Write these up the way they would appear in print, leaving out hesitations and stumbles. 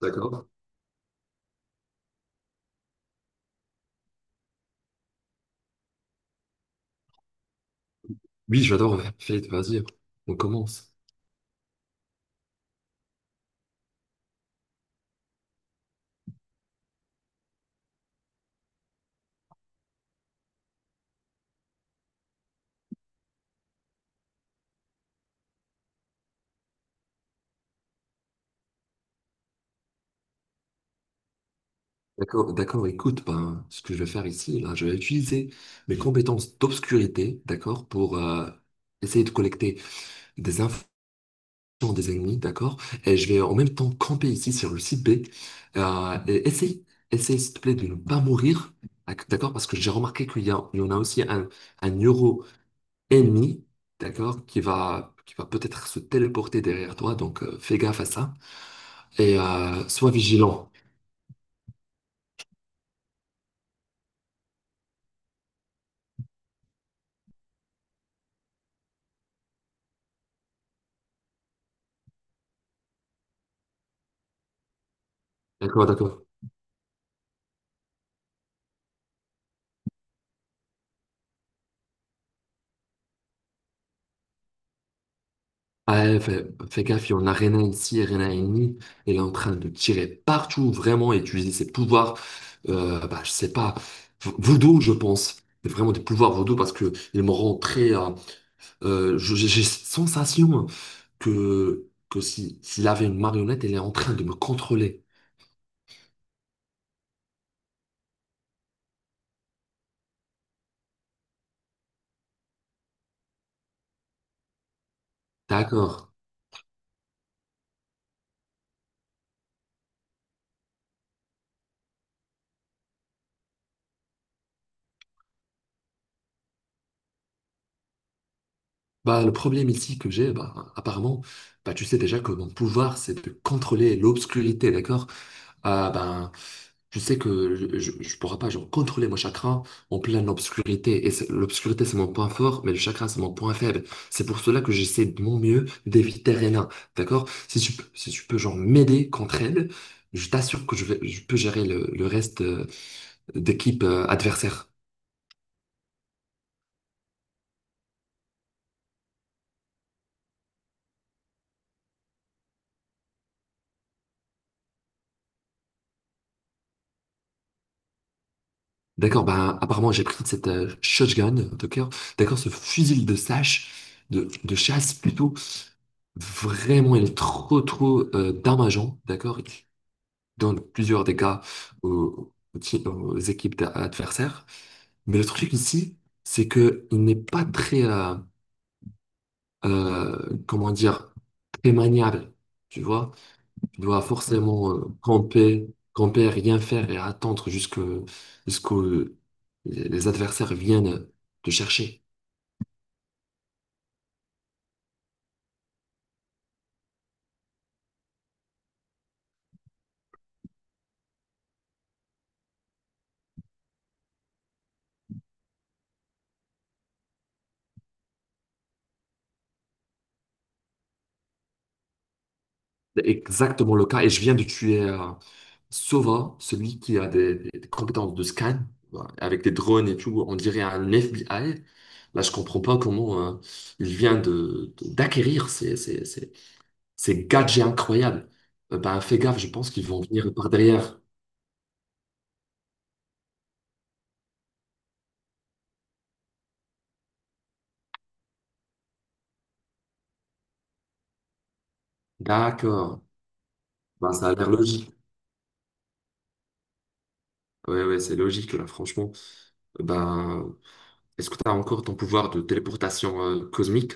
D'accord? Oui, j'adore Fate, vas-y, on commence. D'accord, d'accord, écoute, ben, ce que je vais faire ici, là, je vais utiliser mes compétences d'obscurité, d'accord, pour essayer de collecter des infos des ennemis, d'accord, et je vais en même temps camper ici sur le site B, et essaye, essaye, s'il te plaît, de ne pas mourir, d'accord, parce que j'ai remarqué qu'il y a, il y en a aussi un euro ennemi, d'accord, qui va peut-être se téléporter derrière toi, donc fais gaffe à ça. Et sois vigilant, d'accord, d'accord. Ah, ouais, fais, fais gaffe, il y en a Rena ici, Rena ennemie, elle est en train de tirer partout, vraiment, et utiliser ses pouvoirs, bah, je sais pas, voodoo, je pense. c'est vraiment des pouvoirs voodoo parce que ils me rendent très. J'ai cette sensation que si, s'il avait une marionnette, elle est en train de me contrôler. D'accord. Bah, le problème ici que j'ai, bah, apparemment, bah, tu sais déjà que mon pouvoir, c'est de contrôler l'obscurité, d'accord? Ah, ben, je sais que je ne pourrai pas genre, contrôler mon chakra en pleine obscurité. L'obscurité, c'est mon point fort, mais le chakra, c'est mon point faible. C'est pour cela que j'essaie de mon mieux d'éviter Rena, d'accord? Si tu peux genre m'aider contre elle, je t'assure que je vais, je peux gérer le reste d'équipe adversaire. D'accord, ben, apparemment j'ai pris cette shotgun, d'accord, d'accord, ce fusil de sache, de chasse plutôt, vraiment il est trop trop dommageant, d'accord, il donne plusieurs dégâts aux, aux équipes adversaires. Mais le truc ici, c'est que il n'est pas très, comment dire, très maniable, tu vois. Tu dois forcément camper, camper, rien faire et attendre jusque, jusqu'au, les adversaires viennent te chercher. C'est exactement le cas. Et je viens de tuer Sova, celui qui a des, des compétences de scan, voilà, avec des drones et tout. On dirait un FBI. Là, je comprends pas comment il vient de, d'acquérir ces, ces, ces, ces gadgets incroyables. Ben, fais gaffe, je pense qu'ils vont venir par derrière. D'accord. Ben, ça a l'air logique. Ouais, ouais, c'est logique, là, franchement. Ben, est-ce que tu as encore ton pouvoir de téléportation cosmique?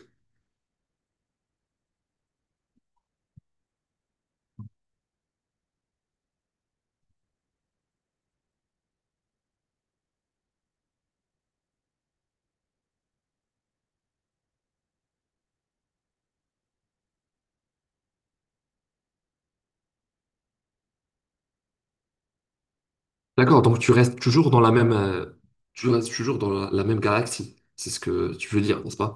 D'accord, donc tu restes toujours dans la même, tu restes toujours dans la, la même galaxie. C'est ce que tu veux dire, n'est-ce pas?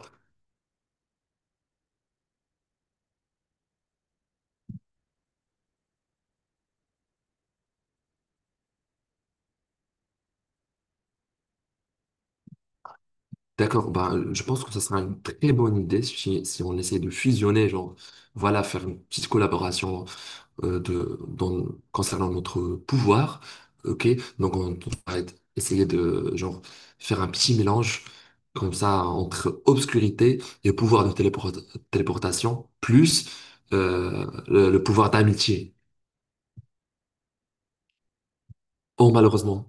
D'accord, ben, je pense que ça sera une très bonne idée si, si on essaie de fusionner, genre, voilà, faire une petite collaboration euh, de, dans- concernant notre pouvoir. Ok, donc on essayer de genre faire un petit mélange comme ça entre obscurité et téléportation, plus le pouvoir d'amitié. Oh, malheureusement.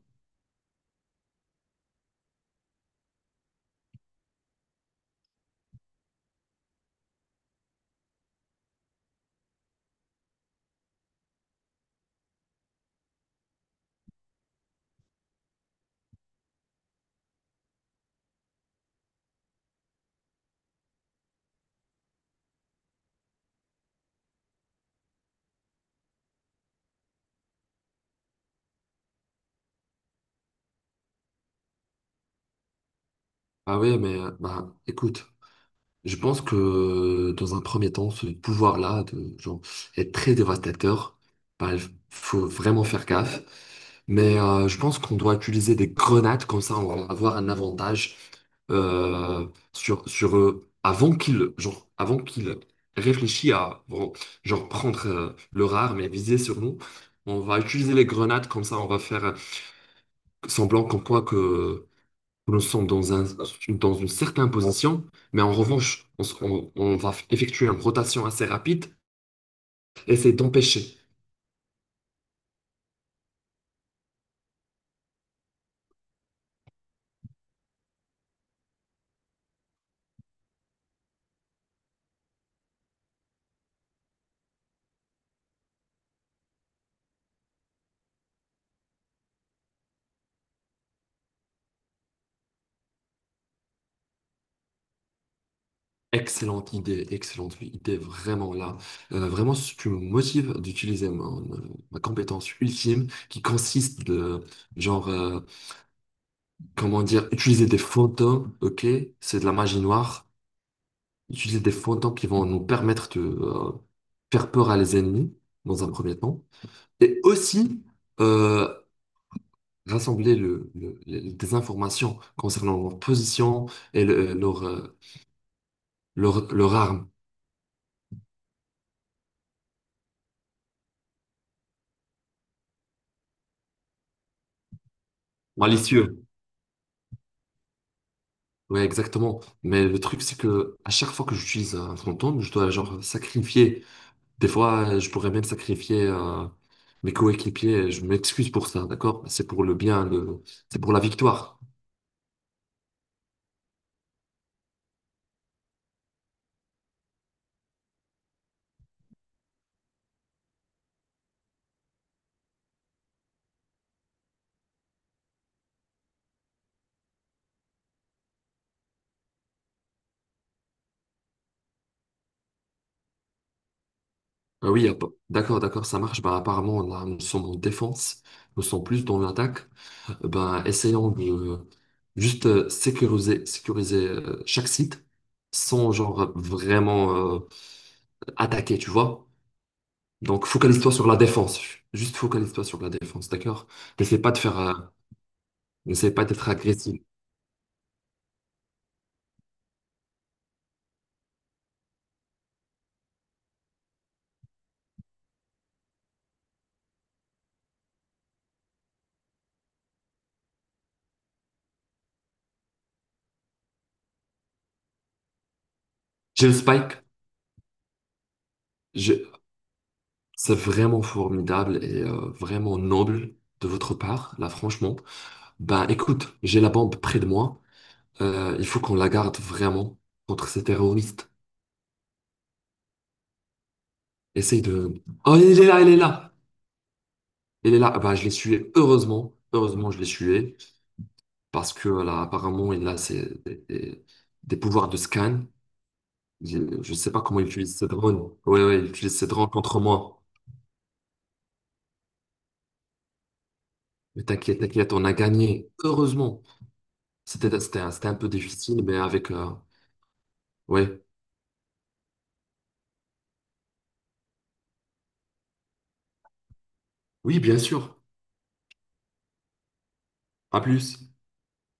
Ah oui, mais bah écoute, je pense que dans un premier temps, ce pouvoir-là de genre est très dévastateur. Bah, il faut vraiment faire gaffe. Mais je pense qu'on doit utiliser des grenades, comme ça on va avoir un avantage euh, sur, sur eux avant qu'ils genre, avant qu'ils réfléchissent à bon, genre prendre leur arme et viser sur nous. On va utiliser les grenades, comme ça on va faire semblant comme quoi que nous sommes dans un, dans une certaine position. Mais en revanche, on va effectuer une rotation assez rapide, essayer d'empêcher. Excellente idée, vraiment là. Vraiment, ce qui me motive d'utiliser ma compétence ultime qui consiste de, genre, euh, comment dire, utiliser des fantômes, ok? C'est de la magie noire. Utiliser des fantômes qui vont nous permettre de faire peur à les ennemis, dans un premier temps. Et aussi, euh, rassembler le, des informations concernant leur position et leur arme malicieuse. Ouais, exactement. Mais le truc, c'est que à chaque fois que j'utilise un fantôme, je dois genre sacrifier. Des fois, je pourrais même sacrifier mes coéquipiers. Je m'excuse pour ça, d'accord? C'est pour le bien, c'est pour la victoire. Ah oui, ah, d'accord, d'accord, ça marche. Bah, apparemment, là, nous sommes en défense. Nous sommes plus dans l'attaque. Ben, essayons de juste sécuriser, sécuriser chaque site sans genre vraiment attaquer, tu vois? Donc, focalise-toi sur la défense. Juste focalise-toi sur la défense, d'accord? N'essaie pas de faire, euh, n'essaie pas d'être agressif. James Spike, je... c'est vraiment formidable et vraiment noble de votre part, là, franchement. Ben, écoute, j'ai la bombe près de moi. Il faut qu'on la garde vraiment contre ces terroristes. Essaye de. Oh, il est là, il est là! Il est là. Ben, je l'ai tué, heureusement. Heureusement, je l'ai tué parce que là, apparemment, il a des, des pouvoirs de scan. Je sais pas comment il utilise ses drone. Ouais, ouais, il utilise ses drone contre moi. Mais t'inquiète, t'inquiète, on a gagné. Heureusement. C'était, c'était, c'était un peu difficile, mais ouais. Oui, bien sûr. À plus.